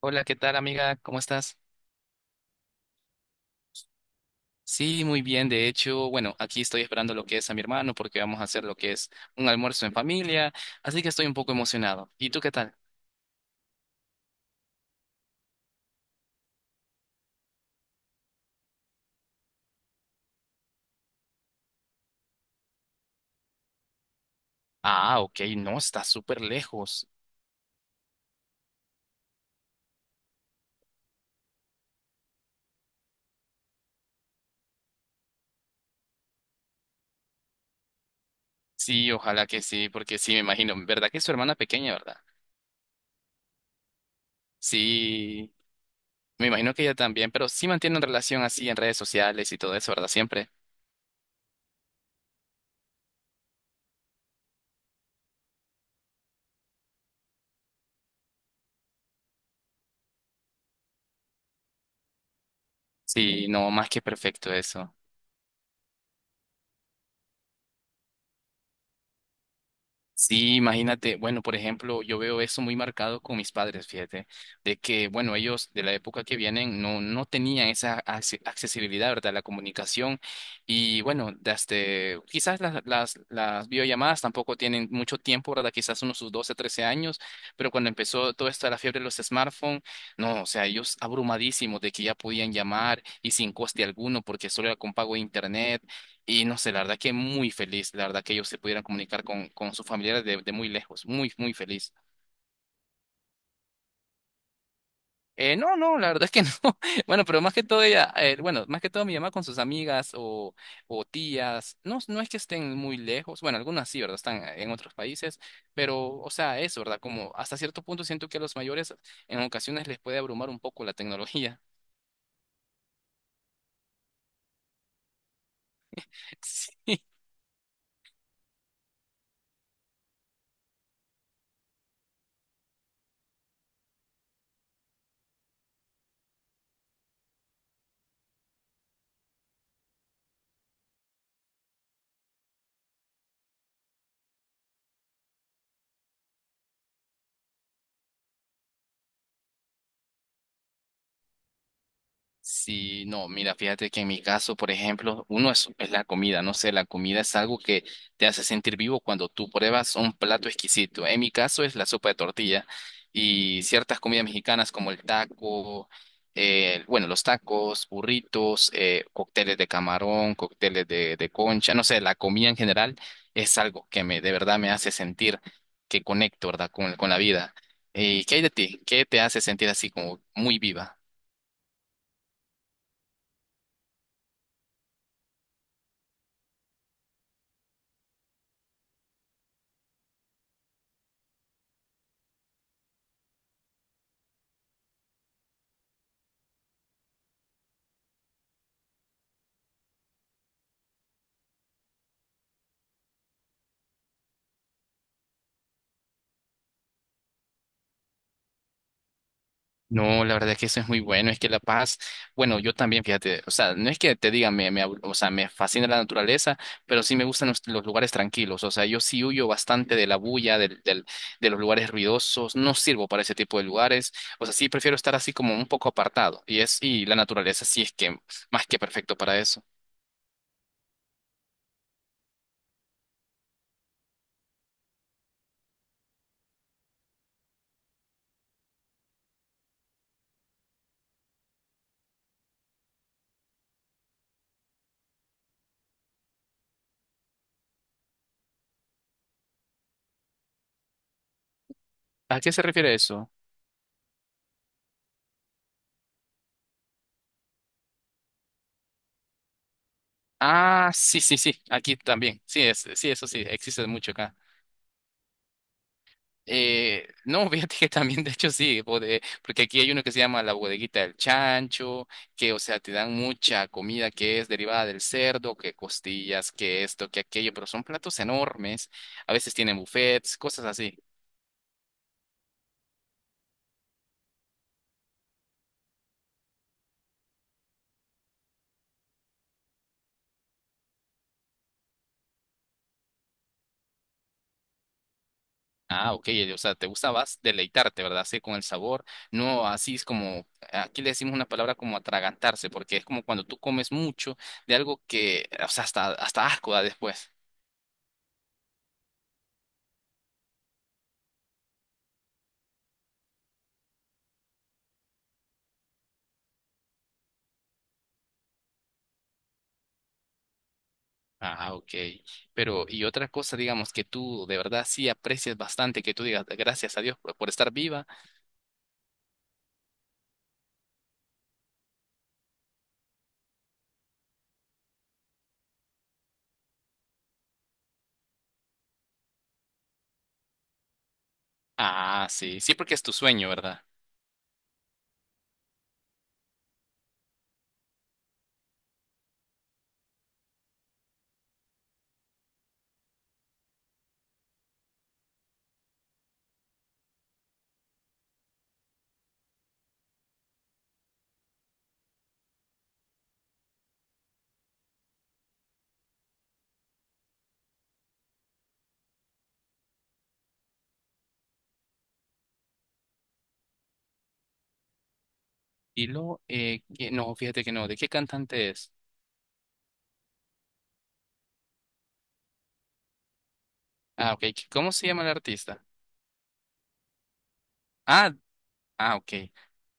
Hola, ¿qué tal, amiga? ¿Cómo estás? Sí, muy bien. De hecho, bueno, aquí estoy esperando lo que es a mi hermano porque vamos a hacer lo que es un almuerzo en familia, así que estoy un poco emocionado. ¿Y tú qué tal? Ah, ok, no, está súper lejos. Sí, ojalá que sí, porque sí, me imagino. ¿Verdad que es su hermana pequeña, verdad? Sí, me imagino que ella también, pero sí mantienen relación así en redes sociales y todo eso, ¿verdad? Siempre. Sí, no, más que perfecto eso. Sí, imagínate, bueno, por ejemplo, yo veo eso muy marcado con mis padres, fíjate, de que, bueno, ellos de la época que vienen no tenían esa accesibilidad, ¿verdad? La comunicación y, bueno, desde, quizás las videollamadas tampoco tienen mucho tiempo, ¿verdad? Quizás unos sus 12, 13 años, pero cuando empezó todo esto de la fiebre de los smartphones, no, o sea, ellos abrumadísimos de que ya podían llamar y sin coste alguno porque solo era con pago de internet y no sé, la verdad que muy feliz, la verdad que ellos se pudieran comunicar con sus familiares de muy lejos, muy, muy feliz. No, no, la verdad es que no. Bueno, pero más que todo ella, bueno, más que todo mi mamá con sus amigas o tías, no, no es que estén muy lejos, bueno, algunas sí, ¿verdad? Están en otros países, pero, o sea, eso, ¿verdad? Como hasta cierto punto siento que a los mayores en ocasiones les puede abrumar un poco la tecnología. Sí, no, mira, fíjate que en mi caso, por ejemplo, uno es la comida, no sé, la comida es algo que te hace sentir vivo cuando tú pruebas un plato exquisito. En mi caso es la sopa de tortilla y ciertas comidas mexicanas como el taco, bueno, los tacos, burritos, cócteles de camarón, cócteles de concha, no sé, la comida en general es algo que me, de verdad me hace sentir que conecto, ¿verdad? Con la vida. ¿Y qué hay de ti? ¿Qué te hace sentir así como muy viva? No, la verdad es que eso es muy bueno, es que La Paz, bueno, yo también, fíjate, o sea, no es que te diga, me o sea, me fascina la naturaleza, pero sí me gustan los lugares tranquilos, o sea, yo sí huyo bastante de la bulla, de los lugares ruidosos, no sirvo para ese tipo de lugares, o sea, sí prefiero estar así como un poco apartado, y es, y la naturaleza sí es que más que perfecto para eso. ¿A qué se refiere eso? Ah, sí, sí, sí, aquí también, sí, es, sí, eso sí, existe mucho acá. No, fíjate que también, de hecho, sí, porque aquí hay uno que se llama la bodeguita del chancho, que, o sea, te dan mucha comida que es derivada del cerdo, que costillas, que esto, que aquello, pero son platos enormes. A veces tienen buffets, cosas así. Ah, ok, o sea, te gusta, vas deleitarte, ¿verdad? Sí, con el sabor. No, así es como, aquí le decimos una palabra como atragantarse, porque es como cuando tú comes mucho de algo que, o sea, hasta asco da después. Ah, ok. Pero, y otra cosa, digamos, que tú de verdad sí aprecias bastante, que tú digas gracias a Dios por estar viva. Ah, sí, sí, porque es tu sueño, ¿verdad? Y luego, no, fíjate que no, ¿de qué cantante es? Ah, ok, ¿cómo se llama el artista? Ah, ah, ok.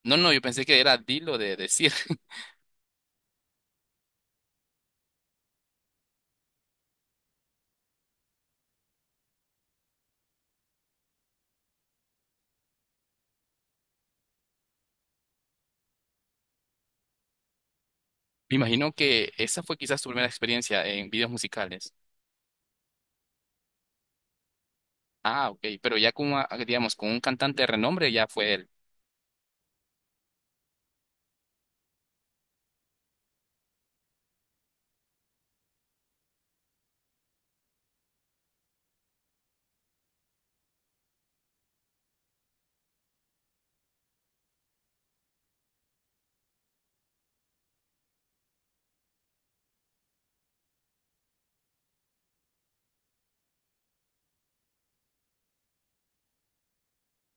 No, no, yo pensé que era Dilo de decir. Me imagino que esa fue quizás tu primera experiencia en videos musicales. Ah, ok, pero ya como, ah, digamos, con un cantante de renombre ya fue él.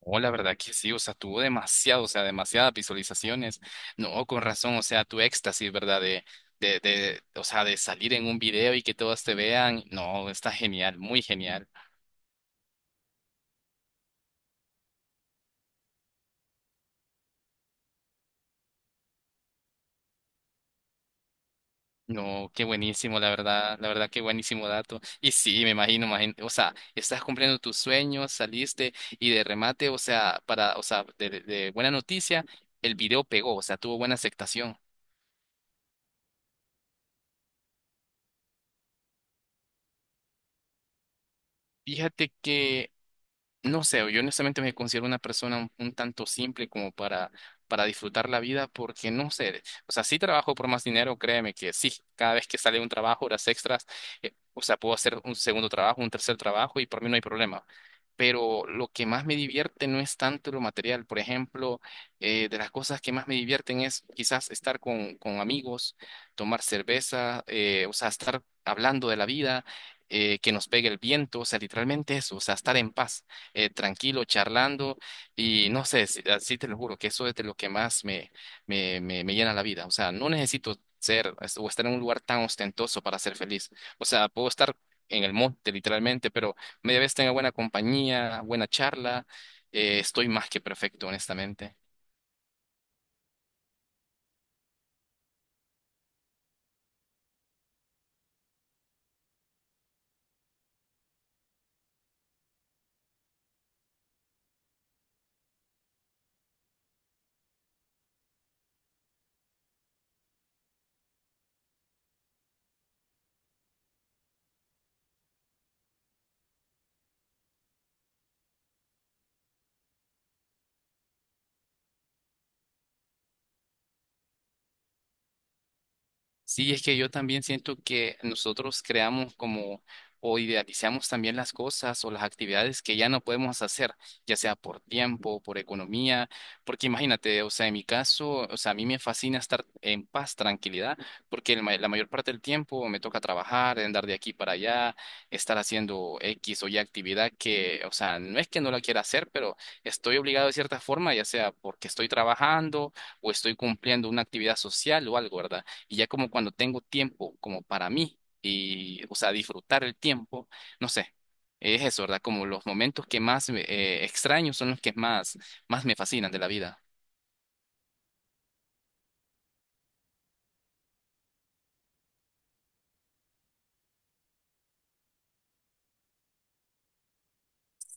Oh, la verdad que sí, o sea, tuvo demasiado, o sea, demasiadas visualizaciones. No, con razón, o sea, tu éxtasis, ¿verdad? O sea, de salir en un video y que todos te vean. No, está genial, muy genial. No, qué buenísimo, la verdad, qué buenísimo dato. Y sí, me imagino, imagino, o sea, estás cumpliendo tus sueños, saliste y de remate, o sea, para, o sea, de buena noticia, el video pegó, o sea, tuvo buena aceptación. Fíjate que no sé, yo honestamente me considero una persona un tanto simple como para disfrutar la vida, porque no sé, o sea, sí trabajo por más dinero, créeme que sí, cada vez que sale un trabajo, horas extras, o sea, puedo hacer un segundo trabajo, un tercer trabajo y por mí no hay problema. Pero lo que más me divierte no es tanto lo material, por ejemplo, de las cosas que más me divierten es quizás estar con amigos, tomar cerveza, o sea, estar hablando de la vida, que nos pegue el viento, o sea, literalmente eso, o sea, estar en paz tranquilo, charlando y no sé, así te lo juro, que eso es de lo que más me llena la vida. O sea, no necesito ser o estar en un lugar tan ostentoso para ser feliz. O sea, puedo estar en el monte literalmente, pero media vez tenga buena compañía, buena charla, estoy más que perfecto, honestamente. Sí, es que yo también siento que nosotros creamos como o idealizamos también las cosas o las actividades que ya no podemos hacer, ya sea por tiempo, por economía, porque imagínate, o sea, en mi caso, o sea, a mí me fascina estar en paz, tranquilidad, porque la mayor parte del tiempo me toca trabajar, andar de aquí para allá, estar haciendo X o Y actividad que, o sea, no es que no la quiera hacer, pero estoy obligado de cierta forma, ya sea porque estoy trabajando o estoy cumpliendo una actividad social o algo, ¿verdad? Y ya como cuando tengo tiempo como para mí y, o sea, disfrutar el tiempo, no sé, es eso, ¿verdad? Como los momentos que más extraño son los que más, más me fascinan de la vida.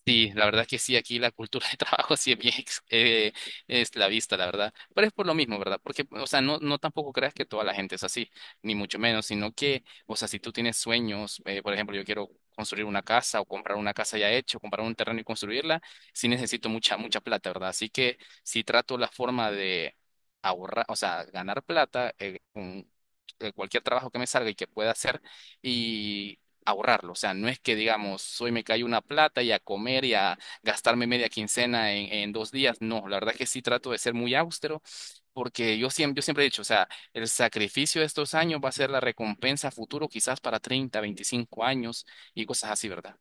Sí, la verdad que sí, aquí la cultura de trabajo sí es bien esclavista, la verdad. Pero es por lo mismo, ¿verdad? Porque, o sea, no tampoco creas que toda la gente es así, ni mucho menos, sino que, o sea, si tú tienes sueños, por ejemplo, yo quiero construir una casa o comprar una casa ya hecha, o comprar un terreno y construirla, sí necesito mucha, mucha plata, ¿verdad? Así que sí trato la forma de ahorrar, o sea, ganar plata con cualquier trabajo que me salga y que pueda hacer ahorrarlo. O sea, no es que digamos, hoy me cayó una plata y a comer y a gastarme media quincena en dos días. No, la verdad que sí trato de ser muy austero porque yo siempre he dicho, o sea, el sacrificio de estos años va a ser la recompensa a futuro quizás para 30, 25 años y cosas así, ¿verdad?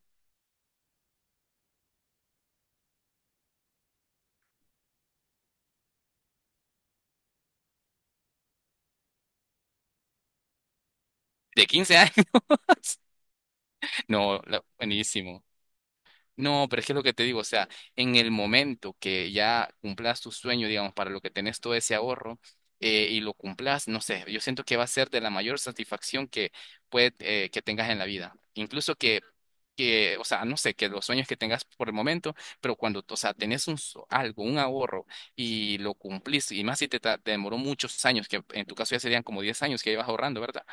De 15 años. No, buenísimo. No, pero es que es lo que te digo, o sea, en el momento que ya cumplas tu sueño, digamos, para lo que tenés todo ese ahorro y lo cumplas, no sé, yo siento que va a ser de la mayor satisfacción que puede, que tengas en la vida. Incluso que, o sea, no sé, que los sueños que tengas por el momento, pero cuando, o sea, tenés un, algo, un ahorro y lo cumplís, y más si te demoró muchos años, que en tu caso ya serían como 10 años que llevas ahorrando, ¿verdad?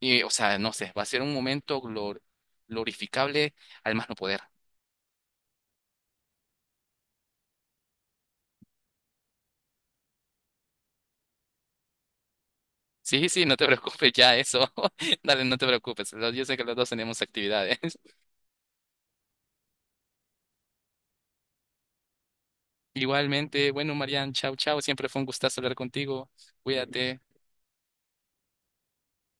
Y, o sea, no sé, va a ser un momento glorificable al más no poder. Sí, sí, no te preocupes, ya eso. Dale, no te preocupes. Yo sé que los dos tenemos actividades. Igualmente, bueno, Marian, chao, chao. Siempre fue un gustazo hablar contigo. Cuídate.